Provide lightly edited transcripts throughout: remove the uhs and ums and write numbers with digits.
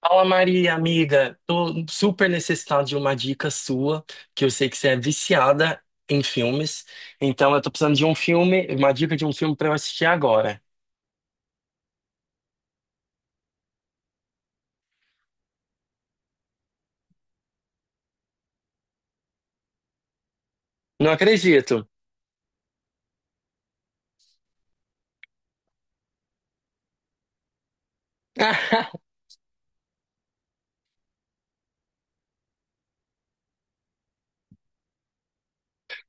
Fala Maria, amiga, tô super necessitado de uma dica sua, que eu sei que você é viciada em filmes, então eu tô precisando de um filme, uma dica de um filme pra eu assistir agora. Não acredito.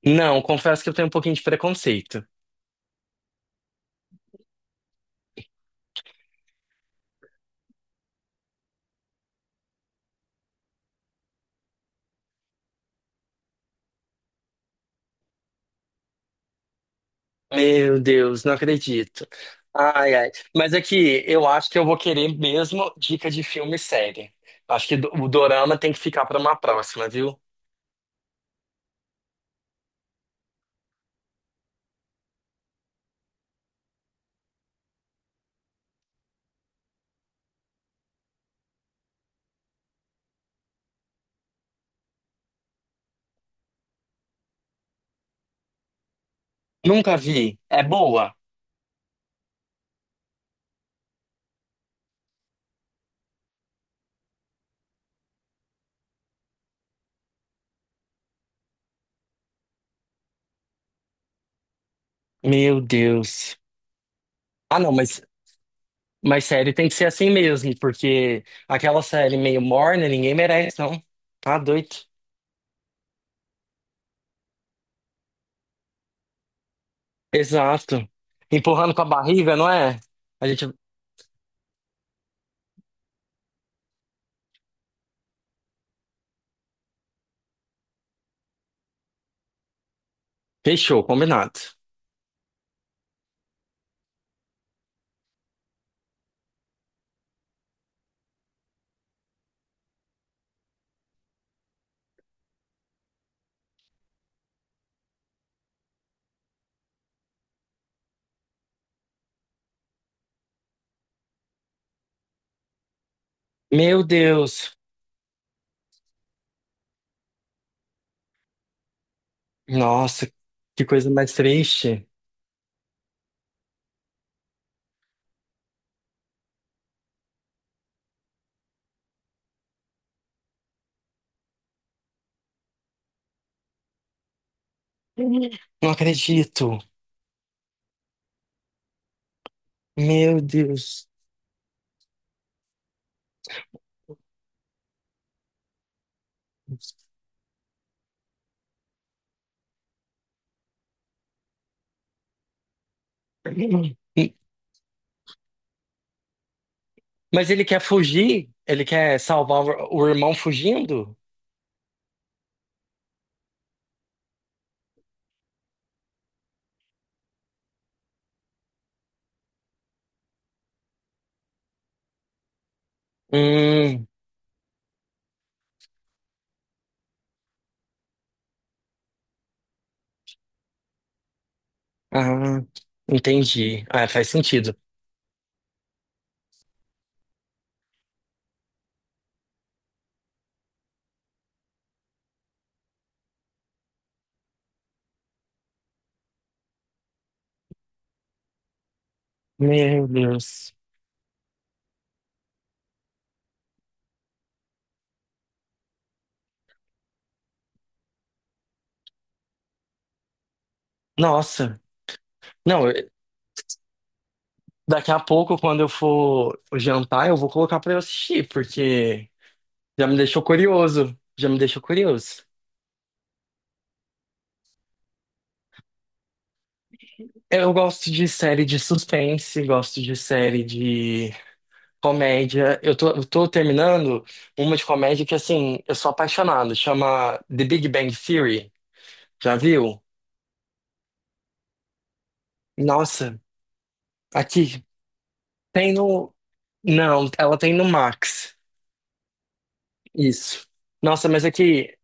Não, confesso que eu tenho um pouquinho de preconceito. Meu Deus, não acredito. Ai, ai. Mas aqui, eu acho que eu vou querer mesmo dica de filme e série. Acho que o dorama tem que ficar pra uma próxima, viu? Nunca vi. É boa? Meu Deus. Ah, não, mas série tem que ser assim mesmo, porque aquela série meio morna, ninguém merece, não. Tá doido. Exato. Empurrando com a barriga, não é? A gente fechou, combinado. Meu Deus. Nossa, que coisa mais triste. Não acredito. Meu Deus. Mas ele quer fugir? Ele quer salvar o irmão fugindo? Hum, ah, entendi. Ah, faz sentido. Meu Deus. Nossa. Não, eu- Daqui a pouco, quando eu for jantar, eu vou colocar pra eu assistir, porque já me deixou curioso. Já me deixou curioso. Eu gosto de série de suspense, gosto de série de comédia. Eu tô terminando uma de comédia que, assim, eu sou apaixonado. Chama The Big Bang Theory. Já viu? Nossa, aqui tem no. Não, ela tem no Max. Isso. Nossa, mas aqui.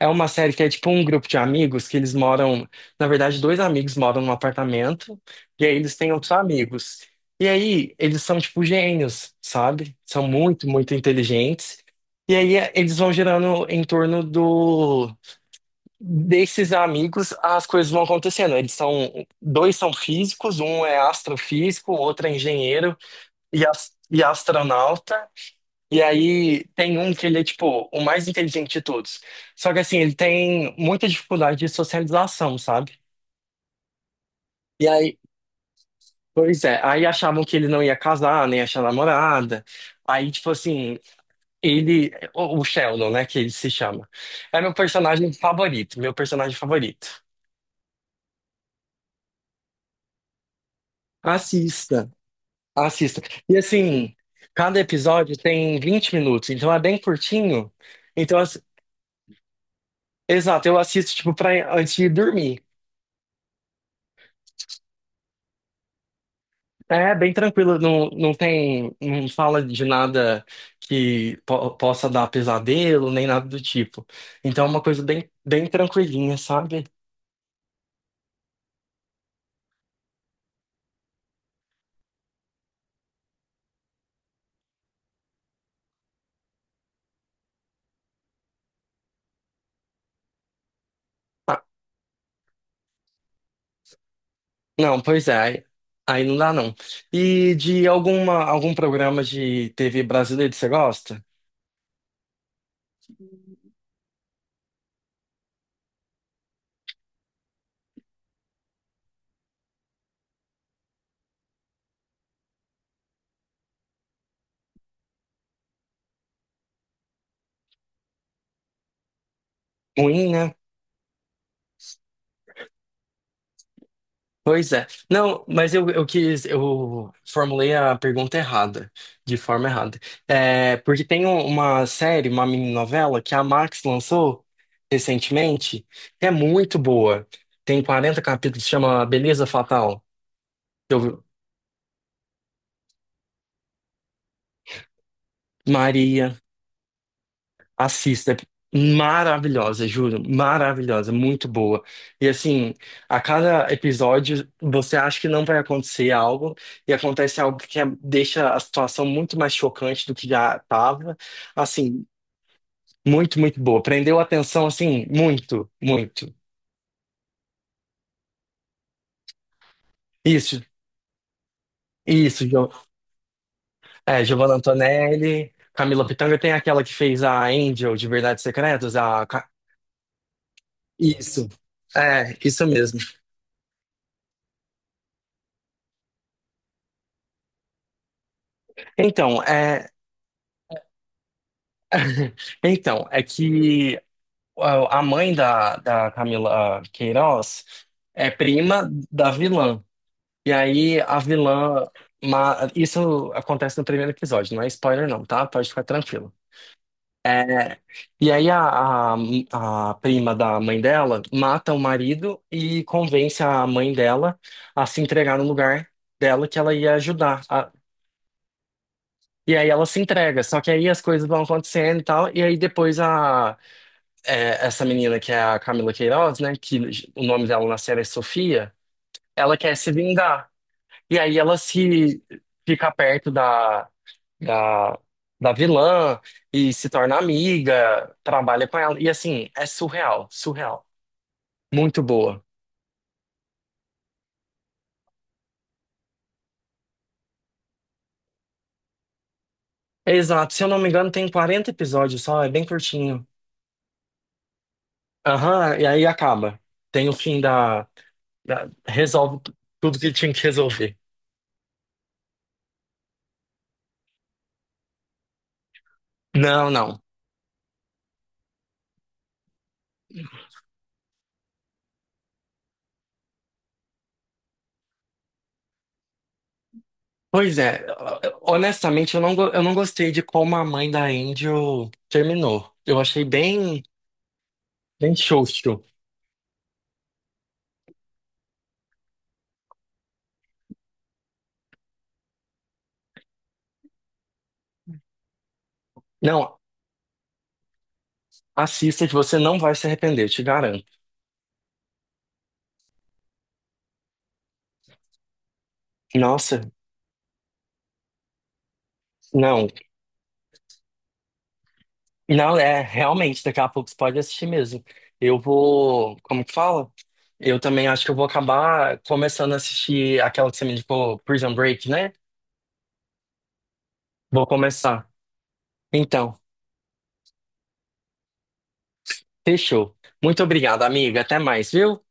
É uma série que é tipo um grupo de amigos que eles moram. Na verdade, dois amigos moram num apartamento, e aí eles têm outros amigos. E aí eles são tipo gênios, sabe? São muito, muito inteligentes. Eles vão girando em torno do desses amigos, as coisas vão acontecendo. Eles são dois são físicos, um é astrofísico, o outro é engenheiro e astronauta. E aí tem um que ele é, tipo, o mais inteligente de todos. Só que assim, ele tem muita dificuldade de socialização, sabe? E aí, pois é, aí achavam que ele não ia casar, nem achar namorada. Aí, tipo assim, ele, o Sheldon, né, que ele se chama, é meu personagem favorito, meu personagem favorito. Assista, assista. E assim, cada episódio tem 20 minutos, então é bem curtinho. Então, assim, exato, eu assisto, tipo, pra, antes de dormir. É bem tranquilo, não fala de nada que possa dar pesadelo, nem nada do tipo. Então é uma coisa bem, bem tranquilinha, sabe? Ah, não, pois é, aí não dá não. E de alguma, algum programa de TV brasileiro que você gosta? Ruim, né? Pois é. Não, eu quis, eu formulei a pergunta errada, de forma errada. É, porque tem uma série, uma mininovela que a Max lançou recentemente, que é muito boa. Tem 40 capítulos, chama Beleza Fatal. Eu, Maria. Assista, é maravilhosa, juro, maravilhosa, muito boa. E assim, a cada episódio você acha que não vai acontecer algo e acontece algo que deixa a situação muito mais chocante do que já estava. Assim, muito, muito boa. Prendeu a atenção, assim, muito, muito. Isso, isso, Gio- é, Giovanna Antonelli, Camila Pitanga tem aquela que fez a Angel de Verdades Secretas, isso, é, isso mesmo. Então, é, então, é que ó, a mãe da Camila Queiroz é prima da vilã. E aí a vilã. Isso acontece no primeiro episódio, não é spoiler, não, tá? Pode ficar tranquilo. E aí a prima da mãe dela mata o marido e convence a mãe dela a se entregar no lugar dela que ela ia ajudar. E aí ela se entrega, só que aí as coisas vão acontecendo e tal, e aí depois a é, essa menina que é a Camila Queiroz, né? Que o nome dela na série é Sofia. Ela quer se vingar. E aí ela se fica perto da, da vilã e se torna amiga, trabalha com ela. E assim, é surreal, surreal. Muito boa. Exato, se eu não me engano, tem 40 episódios só, é bem curtinho. Aham, e aí acaba. Tem o resolve tudo que tinha que resolver. Não, não. Pois é, honestamente, eu não gostei de como a mãe da Angel terminou. Eu achei bem, bem xoxo. Não, assista que você não vai se arrepender, eu te garanto. Nossa, não, não é, realmente, daqui a pouco você pode assistir mesmo. Eu vou, como que fala? Eu também acho que eu vou acabar começando a assistir aquela que você me indicou, Prison Break, né? Vou começar. Então, fechou. Muito obrigado, amiga. Até mais, viu?